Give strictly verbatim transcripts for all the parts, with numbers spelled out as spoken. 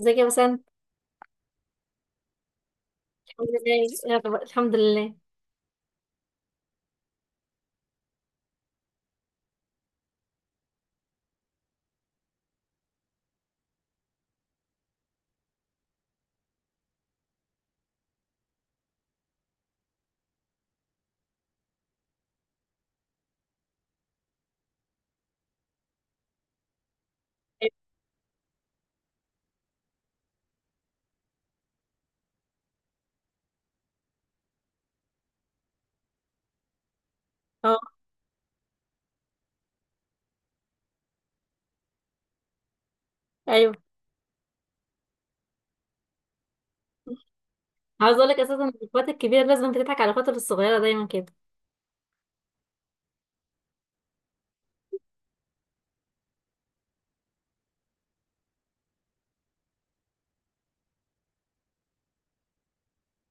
ازيك يا بسنت؟ الحمد لله يلا، الحمد لله. اه. ايوه. عاوز اقول لك اساسا ان اخواتي الكبيره لازم بتضحك على اخواتي الصغيره دايما كده.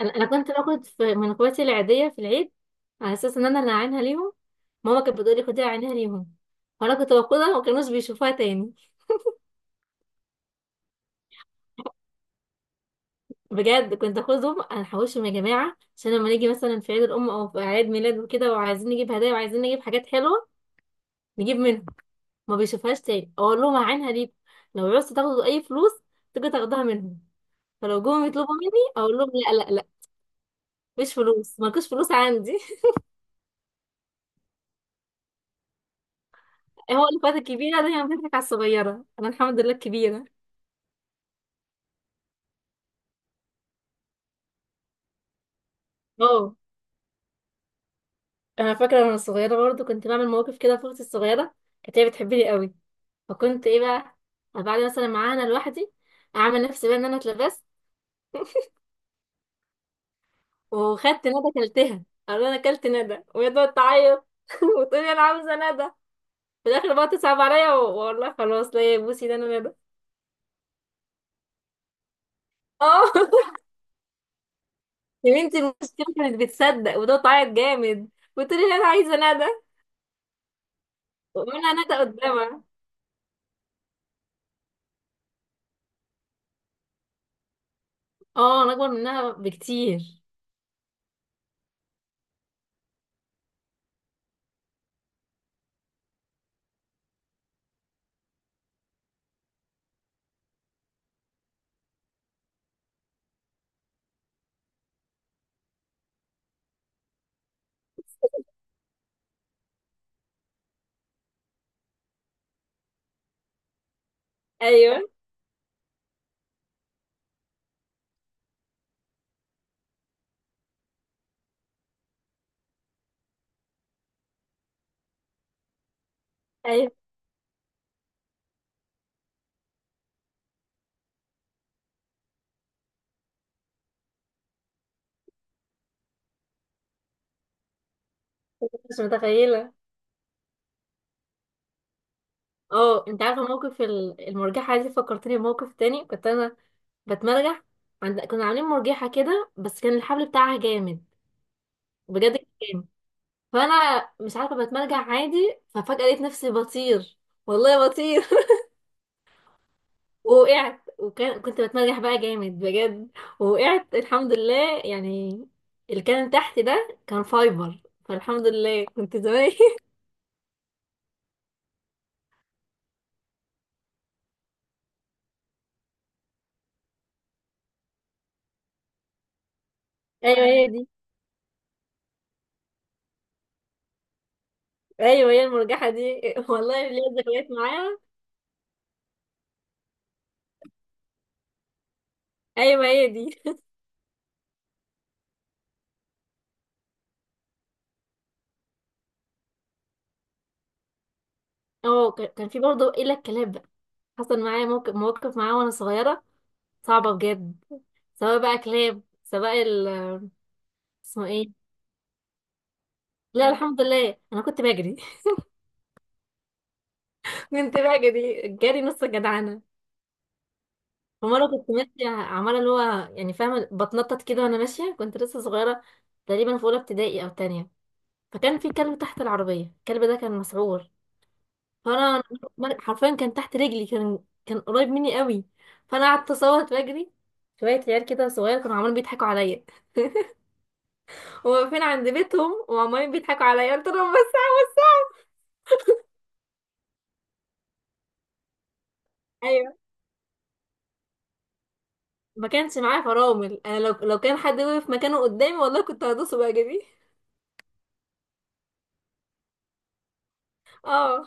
انا انا كنت باخد في من اخواتي العاديه في العيد، على اساس ان انا اللي عينها ليهم. ماما كانت بتقولي خديها عينها ليهم، وانا كنت باخدها وما كانوش بيشوفوها تاني. بجد كنت اخدهم، انا هحوشهم يا جماعه، عشان لما نيجي مثلا في عيد الام او في عيد ميلاد وكده وعايزين نجيب هدايا وعايزين نجيب حاجات حلوه، نجيب منهم. ما بيشوفهاش تاني، اقول لهم عينها ليكم، لو عوزتوا تاخدوا اي فلوس تيجي تاخدوها منهم. فلو جم يطلبوا مني اقول لهم لا لا لا، مفيش فلوس، مالكوش فلوس عندي. هو اللي فاتك كبيره ده، هي فاتك على الصغيره، انا الحمد لله كبيره. اه. انا فاكره وانا صغيره برضو كنت بعمل مواقف كده في اختي الصغيره، كانت هي بتحبني قوي. فكنت ايه بقى، بعد مثلا معاها انا لوحدي، اعمل نفسي بقى ان انا اتلبست وخدت ندى كلتها، قالوا لي انا كلت ندى، وهي تقعد تعيط وتقولي انا عاوزه ندى. في الاخر بقى تصعب عليا و- والله خلاص، لا يا بوسي، ده انا ندى. اه. يا بنتي المشكلة كانت بتصدق، وده تعيط جامد، وتقولي لي انا عايزة ندى، وانا ندى قدامها. اه انا اكبر منها بكتير. ايوه. ايوه. مش متخيلة. اه. انت عارفة موقف ال- المرجحة دي؟ فكرتني بموقف تاني، كنت انا بتمرجح، عند كنا عاملين مرجحة كده، بس كان الحبل بتاعها جامد. بجد كان جامد. فانا مش عارفة، بتمرجح عادي، ففجأة لقيت نفسي بطير، والله بطير. ووقعت. وكان كنت بتمرجح بقى جامد بجد، ووقعت الحمد لله يعني. اللي كان تحت ده كان فايبر، فالحمد لله كنت زمان. ايوه هي دي. ايوه هي المرجحه دي. والله ليا ذكريات معاها. ايوه هي دي. اه. ك- كان في برضه الا الكلاب بقى، حصل معايا موقف مواقف معاه وانا صغيره، صعبه بجد، سواء بقى كلاب، سواء ال، اسمه ايه. لا الحمد لله، انا كنت بجري. كنت بجري جري نص جدعنه. فمرة كنت ماشية عمالة اللي هو يعني فاهمة بتنطط كده، وأنا ماشية، كنت لسه صغيرة، تقريبا في أولى ابتدائي أو تانية. فكان في كلب تحت العربية، الكلب ده كان مسعور. فأنا حرفيا كان تحت رجلي، كان كان قريب مني قوي. فأنا قعدت أصوت وأجري، شوية عيال كده صغيرة كانوا عمالين بيضحكوا عليا، وواقفين عند بيتهم وعمالين بيضحكوا عليا، قلت لهم بس. أيوه. ما كانش معايا فرامل، أنا لو لو كان حد وقف مكانه قدامي والله كنت هدوسه بقى جدي. اه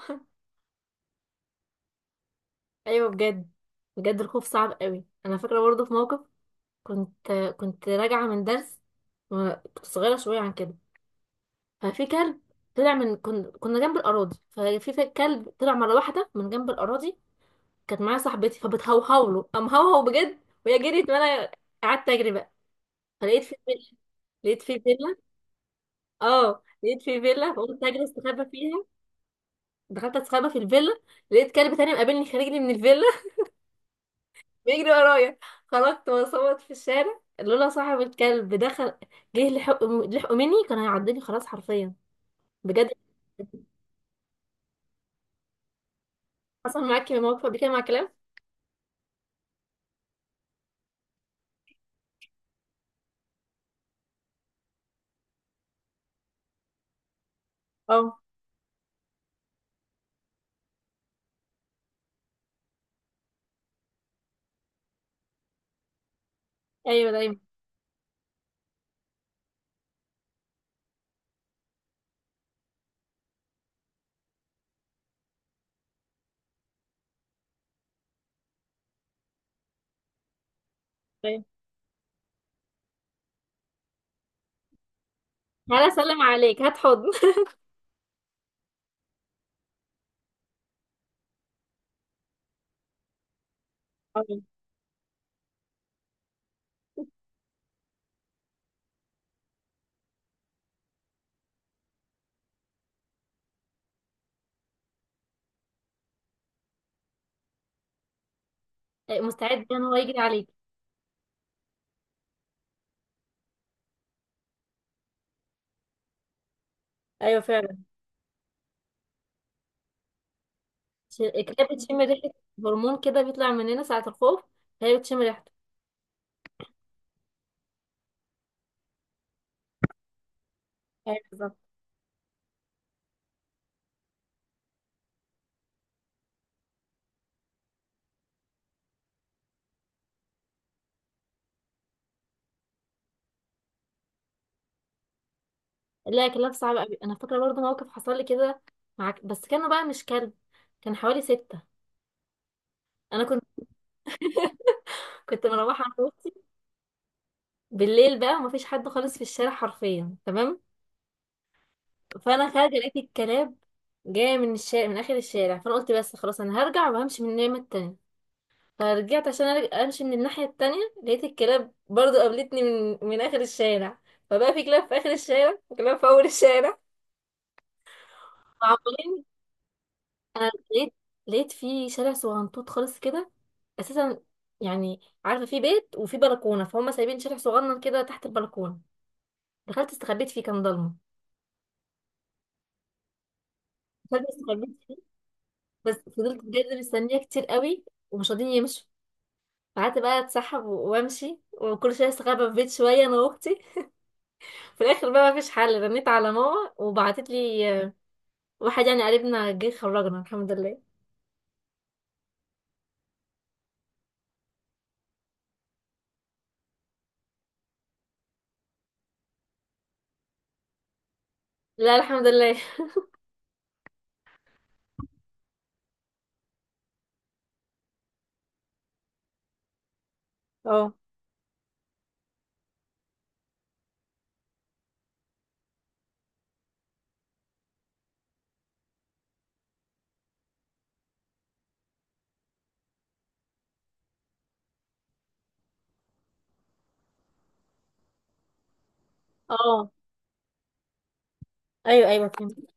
ايوه بجد. بجد الخوف صعب قوي. انا فاكره برضه في موقف، كنت كنت راجعه من درس، و- كنت صغيره شويه عن كده. ففي كلب طلع من كن... كنا جنب الاراضي، ففي في كلب طلع مره واحده من جنب الاراضي. كانت معايا صاحبتي فبتهوهو له، قام هوهو بجد، وهي جريت، وانا قعدت اجري بقى. فلقيت في فيلا لقيت في فيلا اه لقيت في فيلا، فقلت اجري استخبى فيها. دخلت استخبى في الفيلا، لقيت كلب تاني مقابلني، خارجني من الفيلا، بيجري ورايا. خرجت بصوت في الشارع، لولا صاحب الكلب دخل، جه لحق لحقه مني، كان هيعضني خلاص حرفيا، بجد. حصل معاكي موقف قبل كده مع كلام؟ اه ايوه دايما. دايما، تعالى اسلم عليك هات حضن. آه. مستعد ان هو يجري عليك. ايوه فعلا. ش- الكلاب بتشم ريحه، هرمون كده بيطلع مننا ساعه الخوف، فهي بتشم ريحته. ايوه بالظبط. لا، كلاب صعبه قوي. انا فاكره برضه موقف حصل لي كده معاك، بس كانوا بقى مش كلب، كان حوالي ستة. أنا كنت كنت مروحة بالليل بقى، مفيش حد خالص في الشارع حرفيا، تمام. فانا خارجه لقيت الكلاب جايه من الشارع، من اخر الشارع، فانا قلت بس خلاص انا هرجع وهمشي من الناحيه التانية. فرجعت عشان أرج- امشي من الناحيه التانية، لقيت الكلاب برضو قابلتني من من اخر الشارع. فبقى في كلاب في اخر الشارع، وكلاب في اول الشارع. معقولين؟ انا لقيت لقيت في شارع صغنطوط خالص كده اساسا، يعني عارفه في بيت وفي بلكونه، فهم سايبين شارع صغنن كده تحت البلكونه. دخلت استخبيت فيه، كان ضلمه. دخلت استخبيت، بس فضلت بجد مستنيه كتير قوي، ومش راضيين يمشوا. قعدت بقى اتسحب و- وامشي، وكل شويه استخبى في بيت شويه انا واختي. في الاخر بقى مفيش حل، رنيت على ماما وبعتت لي، آه، واحد يعني قريبنا جه، خرجنا الحمد لله. لا الحمد لله. اه. اه. ايوه ايوه فهمت.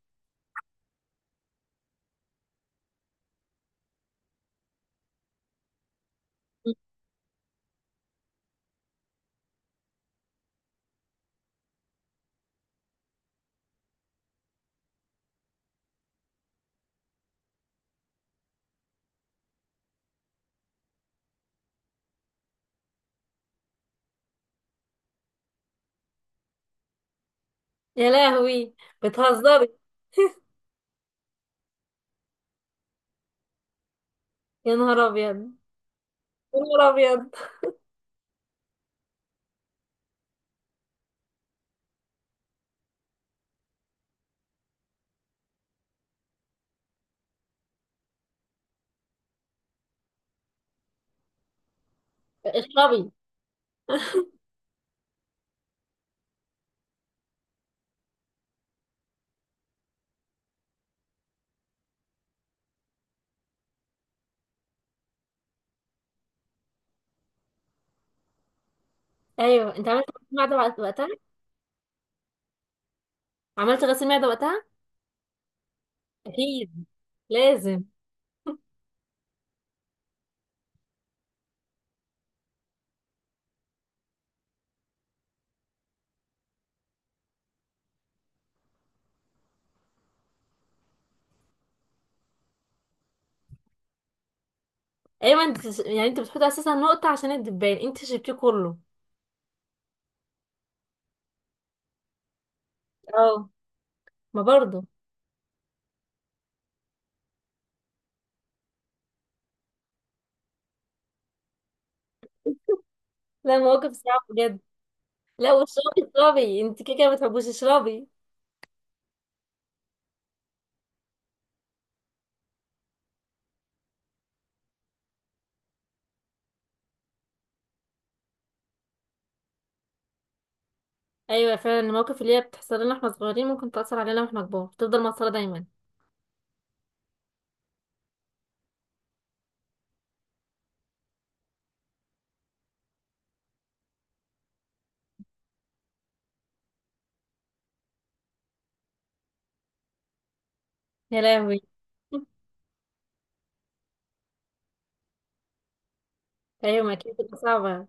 يا لهوي، بتهزري؟ يا نهار ابيض. يا نهار ابيض. اشربي. ايوه انت عملت غسيل معده وقت- وقتها؟ عملت غسيل معده وقتها. اكيد. لازم. ايوه. انت يعني انت بتحط اساسا نقطة عشان الدبان، انت شربتيه كله؟ اه. ما برضه. لا، مواقف صعبة بجد. لا واشربي اشربي انت، كده كده ما بتحبوش اشربي. ايوه فعلا. المواقف اللي هي بتحصل لنا واحنا صغيرين ممكن تأثر علينا واحنا كبار، تفضل مأثرة دايما. يا لهوي. ايوه ما اكيد بتبقى صعبة.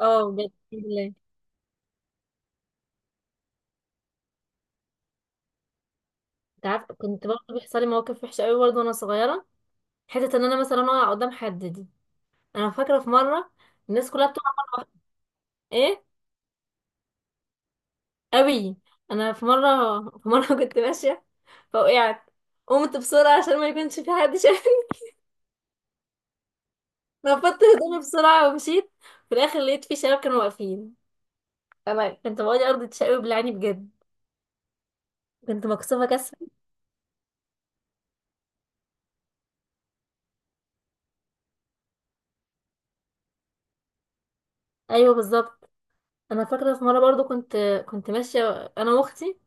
اه بجد. الحمد لله. انت عارفة كنت برضه بيحصل لي مواقف وحشة قوي برضه وانا صغيرة، حتة ان انا مثلا اقع قدام حد دي. انا فاكرة في مرة، الناس كلها بتقع. ايه؟ قوي. انا في مره في مره كنت ماشيه فوقعت، قمت بسرعه عشان ما يكونش في حد شايفني، نفضت هدومي بسرعه ومشيت. في الاخر لقيت في شباب كانوا واقفين. انا كنت بقولي ارض تشقلب بالعاني بجد، كنت مكسوفه كسر. ايوه بالظبط. انا فاكره في مره برضو، كنت كنت ماشيه انا واختي،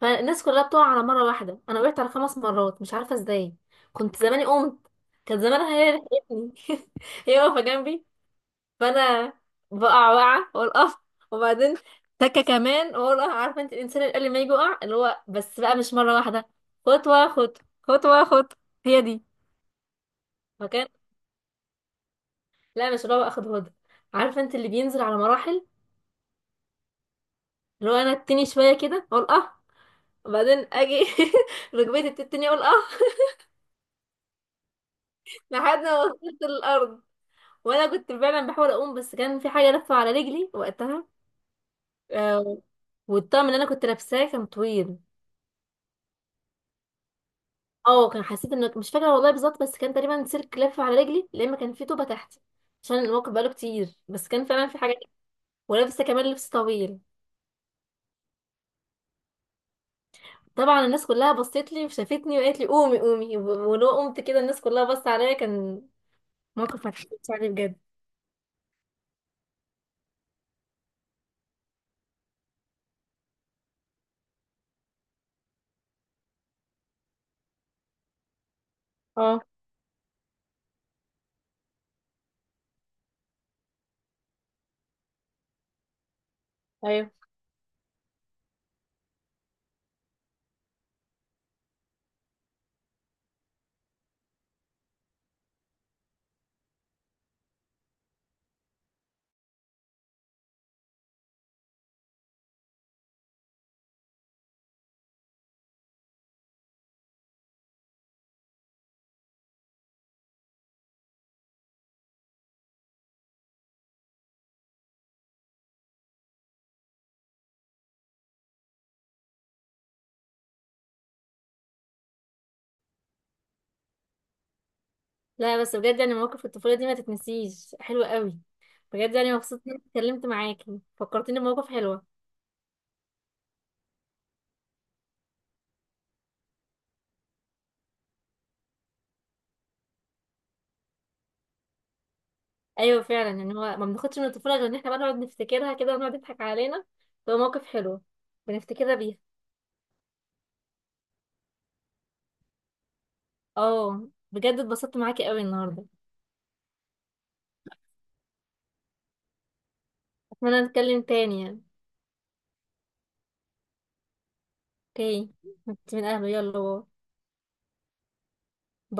فالناس كلها بتقع على مره واحده، انا وقعت على خمس مرات مش عارفه ازاي، كنت زماني قمت، كانت زمانها هي اللي لحقتني. هي واقفه جنبي، فانا بقع وقعه واقول اه، وبعدين تكه كمان واقول اه، عارفه انت الانسان اللي قبل ما يجي يقع اللي هو بس بقى مش مره واحده، خطوه خطوه خطوه خطوه، هي دي. فكان، لا مش اللي هو اخد هدى، عارفه انت اللي بينزل على مراحل، اللي هو انا التاني شويه كده اقول اه، وبعدين اجي ركبتي بتتني اقول اه، لحد ما وصلت للارض. وانا كنت فعلا بحاول اقوم، بس كان في حاجه لفه على رجلي وقتها. آه، والطقم اللي انا كنت لابساه كان طويل. اه، كان حسيت ان مش فاكره والله بالظبط، بس كان تقريبا سلك لف على رجلي لما كان في طوبه تحتي، عشان الموقف بقاله كتير، بس كان فعلا في حاجه. ولابسه كمان لبس طويل. طبعا الناس كلها بصت لي وشافتني وقالت لي قومي قومي، و- ولو قمت كده الناس كلها بصت عليا، كان موقف ما اتحكيتش عليه بجد. اه ايوه. لا بس بجد يعني مواقف الطفوله دي ما تتنسيش، حلوه قوي بجد يعني، مبسوطه اني اتكلمت معاكي، فكرتيني بمواقف حلوه. ايوه فعلا، ان هو ما بناخدش من الطفوله غير ان احنا بقى نقعد نفتكرها كده ونقعد نضحك علينا، تبقى مواقف حلوه بنفتكرها بيها. اه بجد اتبسطت معاكي قوي النهارده، اتمنى نتكلم تاني يعني. اوكي. انت من اهله، يلا باي.